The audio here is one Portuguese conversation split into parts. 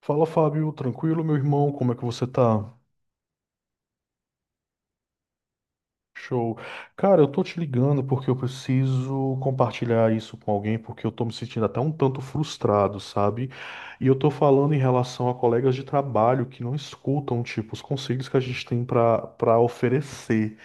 Fala, Fábio, tranquilo, meu irmão? Como é que você tá? Show. Cara, eu tô te ligando porque eu preciso compartilhar isso com alguém, porque eu tô me sentindo até um tanto frustrado, sabe? E eu tô falando em relação a colegas de trabalho que não escutam, tipo, os conselhos que a gente tem pra para oferecer.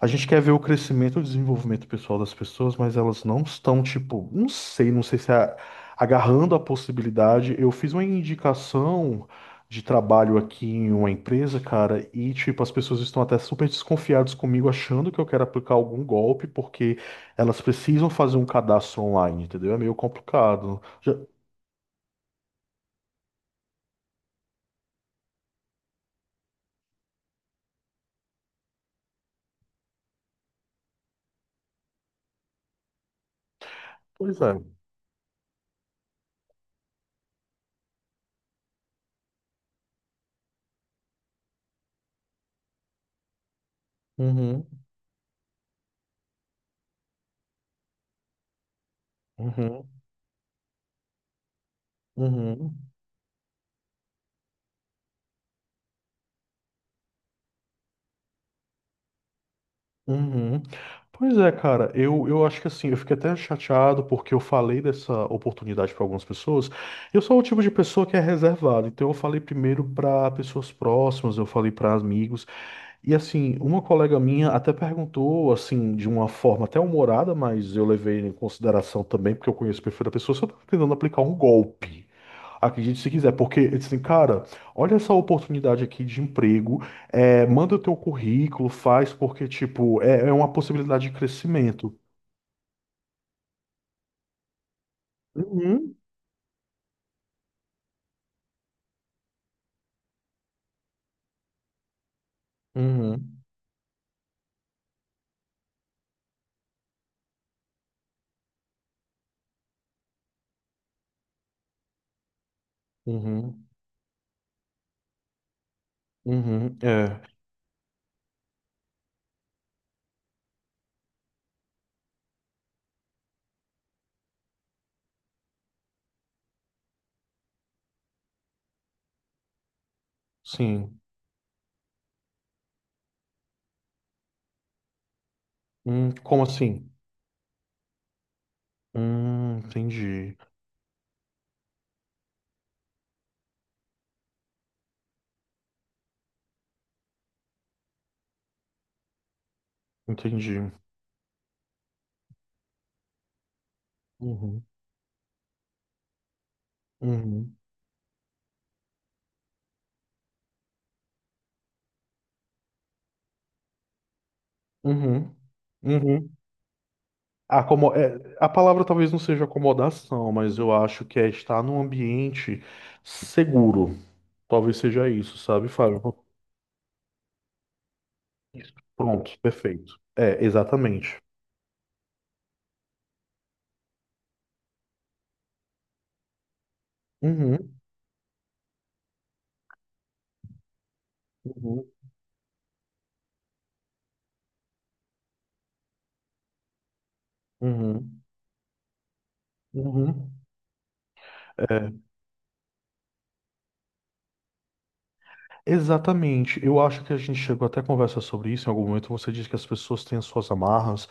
A gente quer ver o crescimento e o desenvolvimento pessoal das pessoas, mas elas não estão, tipo, não sei se é agarrando a possibilidade. Eu fiz uma indicação de trabalho aqui em uma empresa, cara, e tipo, as pessoas estão até super desconfiadas comigo, achando que eu quero aplicar algum golpe, porque elas precisam fazer um cadastro online, entendeu? É meio complicado. Pois é. Uhum, uhum, uhum, uhum. Pois é, cara, eu acho que assim, eu fiquei até chateado porque eu falei dessa oportunidade para algumas pessoas. Eu sou o tipo de pessoa que é reservado, então eu falei primeiro para pessoas próximas, eu falei para amigos. E assim, uma colega minha até perguntou, assim, de uma forma até humorada, mas eu levei em consideração também, porque eu conheço o perfil da pessoa, se eu tava tentando aplicar um golpe. Acredite se quiser, porque eu disse assim, cara, olha essa oportunidade aqui de emprego, é, manda o teu currículo, faz, porque, tipo, é uma possibilidade de crescimento. Uhum. Uhum. Uhum. Uhum. É, sim. Como assim? Entendi. Entendi. Uhum. Uhum. Uhum. Uhum. Ah, é, a palavra talvez não seja acomodação, mas eu acho que é estar num ambiente seguro. Talvez seja isso, sabe, Fábio? Isso. Pronto, perfeito. É, exatamente. Uhum. Uhum. Uhum. Uhum. Exatamente. Eu acho que a gente chegou até a conversar sobre isso em algum momento. Você disse que as pessoas têm as suas amarras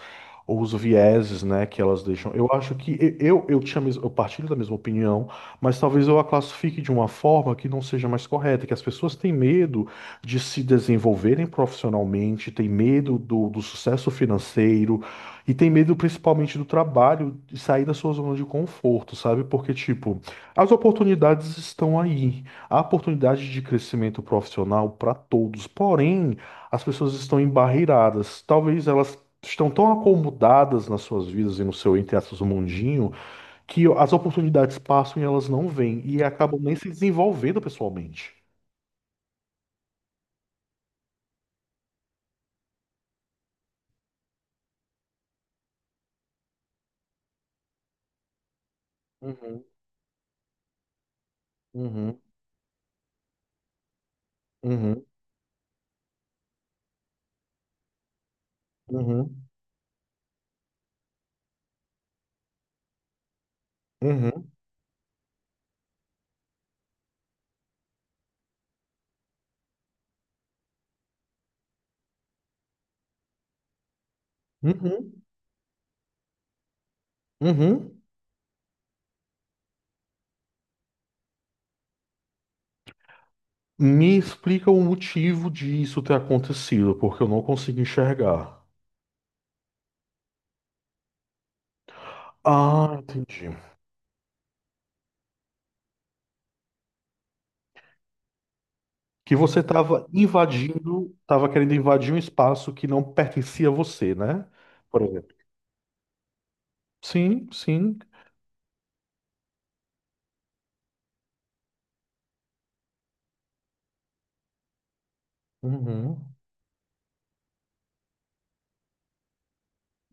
ou os vieses, né, que elas deixam. Eu acho que eu partilho da mesma opinião, mas talvez eu a classifique de uma forma que não seja mais correta, que as pessoas têm medo de se desenvolverem profissionalmente, têm medo do sucesso financeiro e têm medo principalmente do trabalho, de sair da sua zona de conforto, sabe? Porque, tipo, as oportunidades estão aí. Há oportunidade de crescimento profissional para todos, porém, as pessoas estão embarreiradas. Talvez elas estão tão acomodadas nas suas vidas e no seu, entre aspas, mundinho, que as oportunidades passam e elas não vêm e acabam nem se desenvolvendo pessoalmente. Uhum, uhum, uhum, uhum, uhum, uhum, uhum. Me explica o motivo disso ter acontecido, porque eu não consigo enxergar. Ah, entendi. Que você estava invadindo, estava querendo invadir um espaço que não pertencia a você, né? Por exemplo. Sim, sim. Uhum.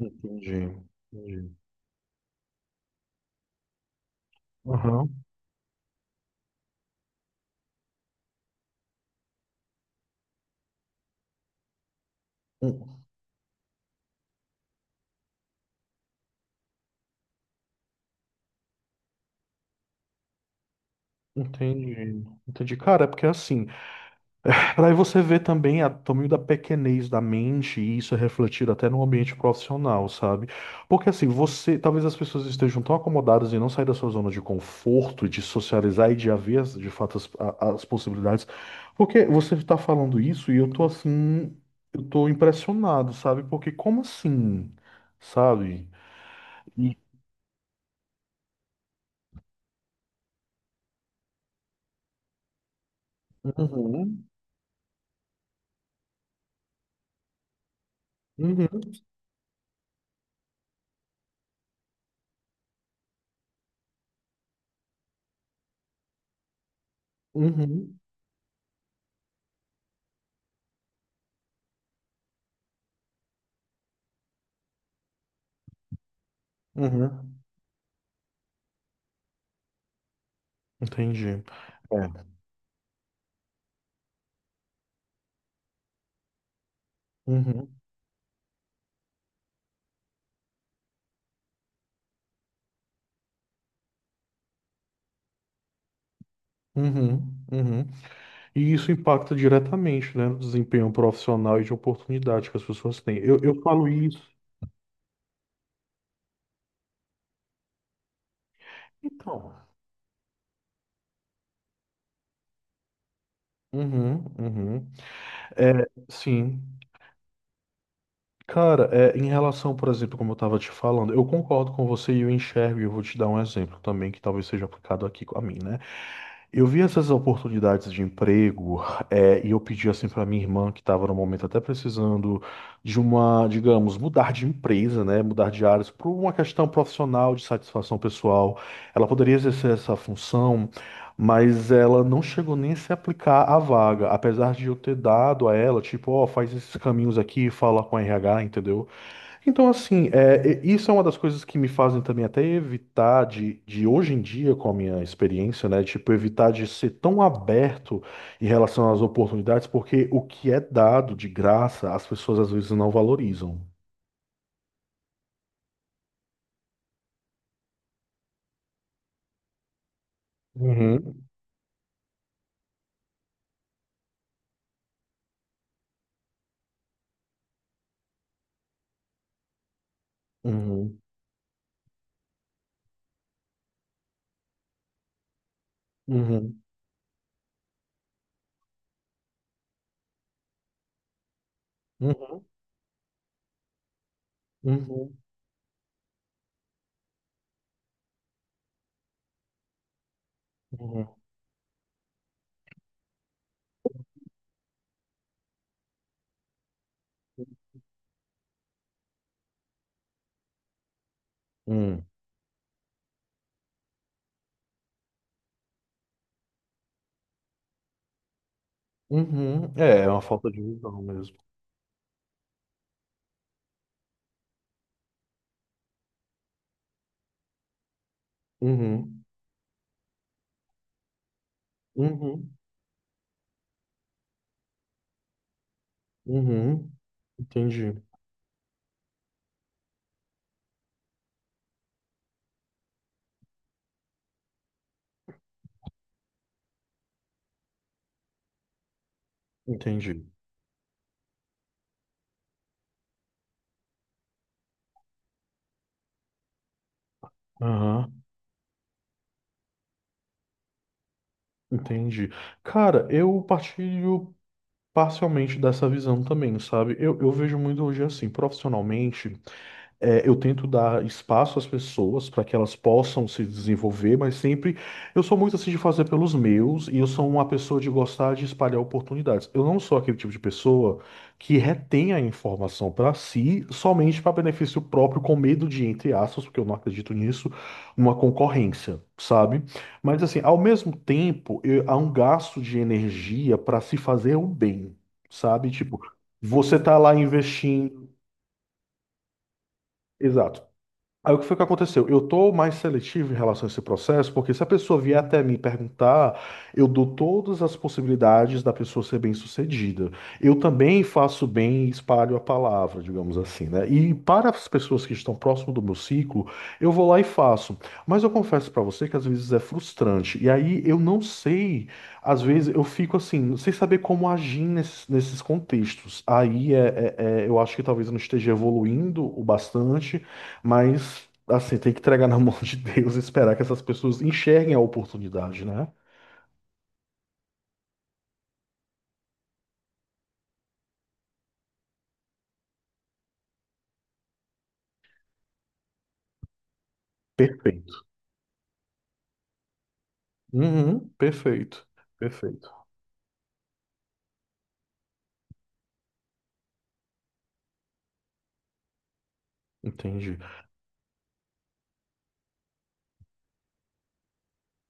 Entendi. Entendi. Aham. Hum, entendi. Entendi. Cara, é porque é assim. Para aí você ver também tamanho da pequenez da mente, e isso é refletido até no ambiente profissional, sabe? Porque assim, você, talvez as pessoas estejam tão acomodadas em não sair da sua zona de conforto, de socializar e de haver de fato as possibilidades. Porque você está falando isso e eu tô assim, eu tô impressionado, sabe? Porque como assim? Sabe? E- Uhum, uhum, uhum, uhum. Entendi. É. Uhum, uhum, uhum. E isso impacta diretamente, né, no desempenho profissional e de oportunidade que as pessoas têm. Eu falo isso. Então. Uhum, uhum. É, sim. Cara, é, em relação, por exemplo, como eu estava te falando, eu concordo com você e eu enxergo, e eu vou te dar um exemplo também que talvez seja aplicado aqui com a mim, né? Eu vi essas oportunidades de emprego, e eu pedi assim para minha irmã, que estava no momento até precisando de uma, digamos, mudar de empresa, né, mudar de áreas, por uma questão profissional, de satisfação pessoal. Ela poderia exercer essa função, mas ela não chegou nem a se aplicar à vaga, apesar de eu ter dado a ela, tipo, ó, faz esses caminhos aqui, fala com a RH, entendeu? Então, assim, isso é uma das coisas que me fazem também até evitar de hoje em dia, com a minha experiência, né? Tipo, evitar de ser tão aberto em relação às oportunidades, porque o que é dado de graça, as pessoas às vezes não valorizam. Uhum, uhum, uhum, uhum, uhum, uhum, uhum, uhum. É uma falta de visão mesmo. Uhum, uhum, uhum. Entendi, entendi. Aham, entendi. Cara, eu partilho parcialmente dessa visão também, sabe? Eu vejo muito hoje assim, profissionalmente. É, eu tento dar espaço às pessoas para que elas possam se desenvolver, mas sempre eu sou muito assim de fazer pelos meus e eu sou uma pessoa de gostar de espalhar oportunidades. Eu não sou aquele tipo de pessoa que retém a informação para si somente para benefício próprio, com medo de, entre aspas, porque eu não acredito nisso, uma concorrência, sabe? Mas assim, ao mesmo tempo, há um gasto de energia para se fazer o bem, sabe? Tipo, você tá lá investindo. Exato. Aí o que foi que aconteceu? Eu tô mais seletivo em relação a esse processo, porque se a pessoa vier até mim perguntar, eu dou todas as possibilidades da pessoa ser bem-sucedida. Eu também faço bem e espalho a palavra, digamos assim, né? E para as pessoas que estão próximo do meu ciclo, eu vou lá e faço. Mas eu confesso para você que às vezes é frustrante. E aí eu não sei, às vezes eu fico assim, sem saber como agir nesses contextos. Aí é, é- é- Eu acho que talvez eu não esteja evoluindo o bastante, mas, assim, tem que entregar na mão de Deus e esperar que essas pessoas enxerguem a oportunidade, né? Perfeito. Uhum, perfeito. Perfeito. Entendi.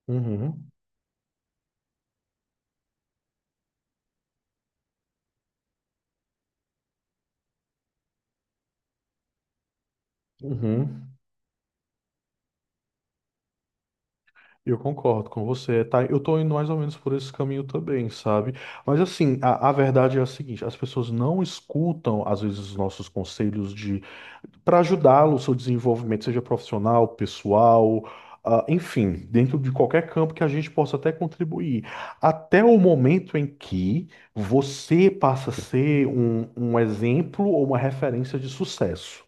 Uhum, uhum. Eu concordo com você, tá? Eu tô indo mais ou menos por esse caminho também, sabe? Mas assim, a verdade é a seguinte, as pessoas não escutam, às vezes, os nossos conselhos de para ajudá-lo no seu desenvolvimento, seja profissional, pessoal, ah, enfim, dentro de qualquer campo que a gente possa até contribuir. Até o momento em que você passa a ser um exemplo ou uma referência de sucesso.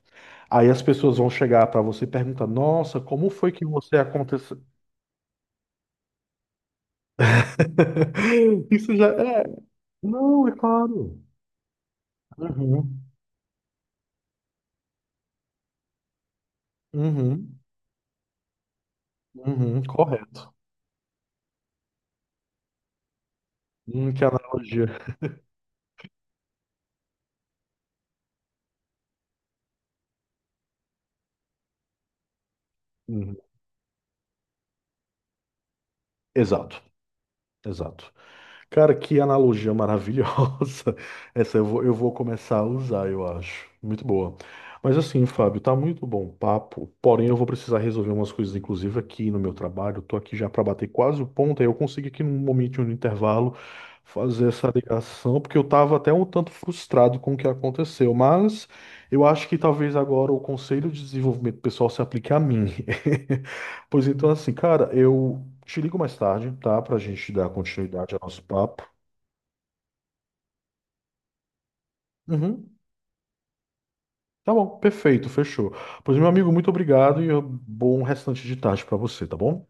Aí as pessoas vão chegar para você e perguntar: Nossa, como foi que você aconteceu? Isso já é. Não, é claro. Uhum, uhum, uhum, correto. Que analogia. Uhum. Exato, exato. Cara, que analogia maravilhosa. Essa eu vou começar a usar, eu acho. Muito boa. Mas assim, Fábio, tá muito bom o papo. Porém, eu vou precisar resolver umas coisas, inclusive aqui no meu trabalho. Eu tô aqui já para bater quase o ponto. Aí eu consigo aqui num momento, no intervalo, fazer essa ligação, porque eu tava até um tanto frustrado com o que aconteceu. Mas eu acho que talvez agora o Conselho de Desenvolvimento Pessoal se aplique a mim. Pois então, assim, cara, eu te ligo mais tarde, tá? Pra gente dar continuidade ao nosso papo. Uhum. Tá bom, perfeito, fechou. Pois, meu amigo, muito obrigado e bom restante de tarde pra você, tá bom?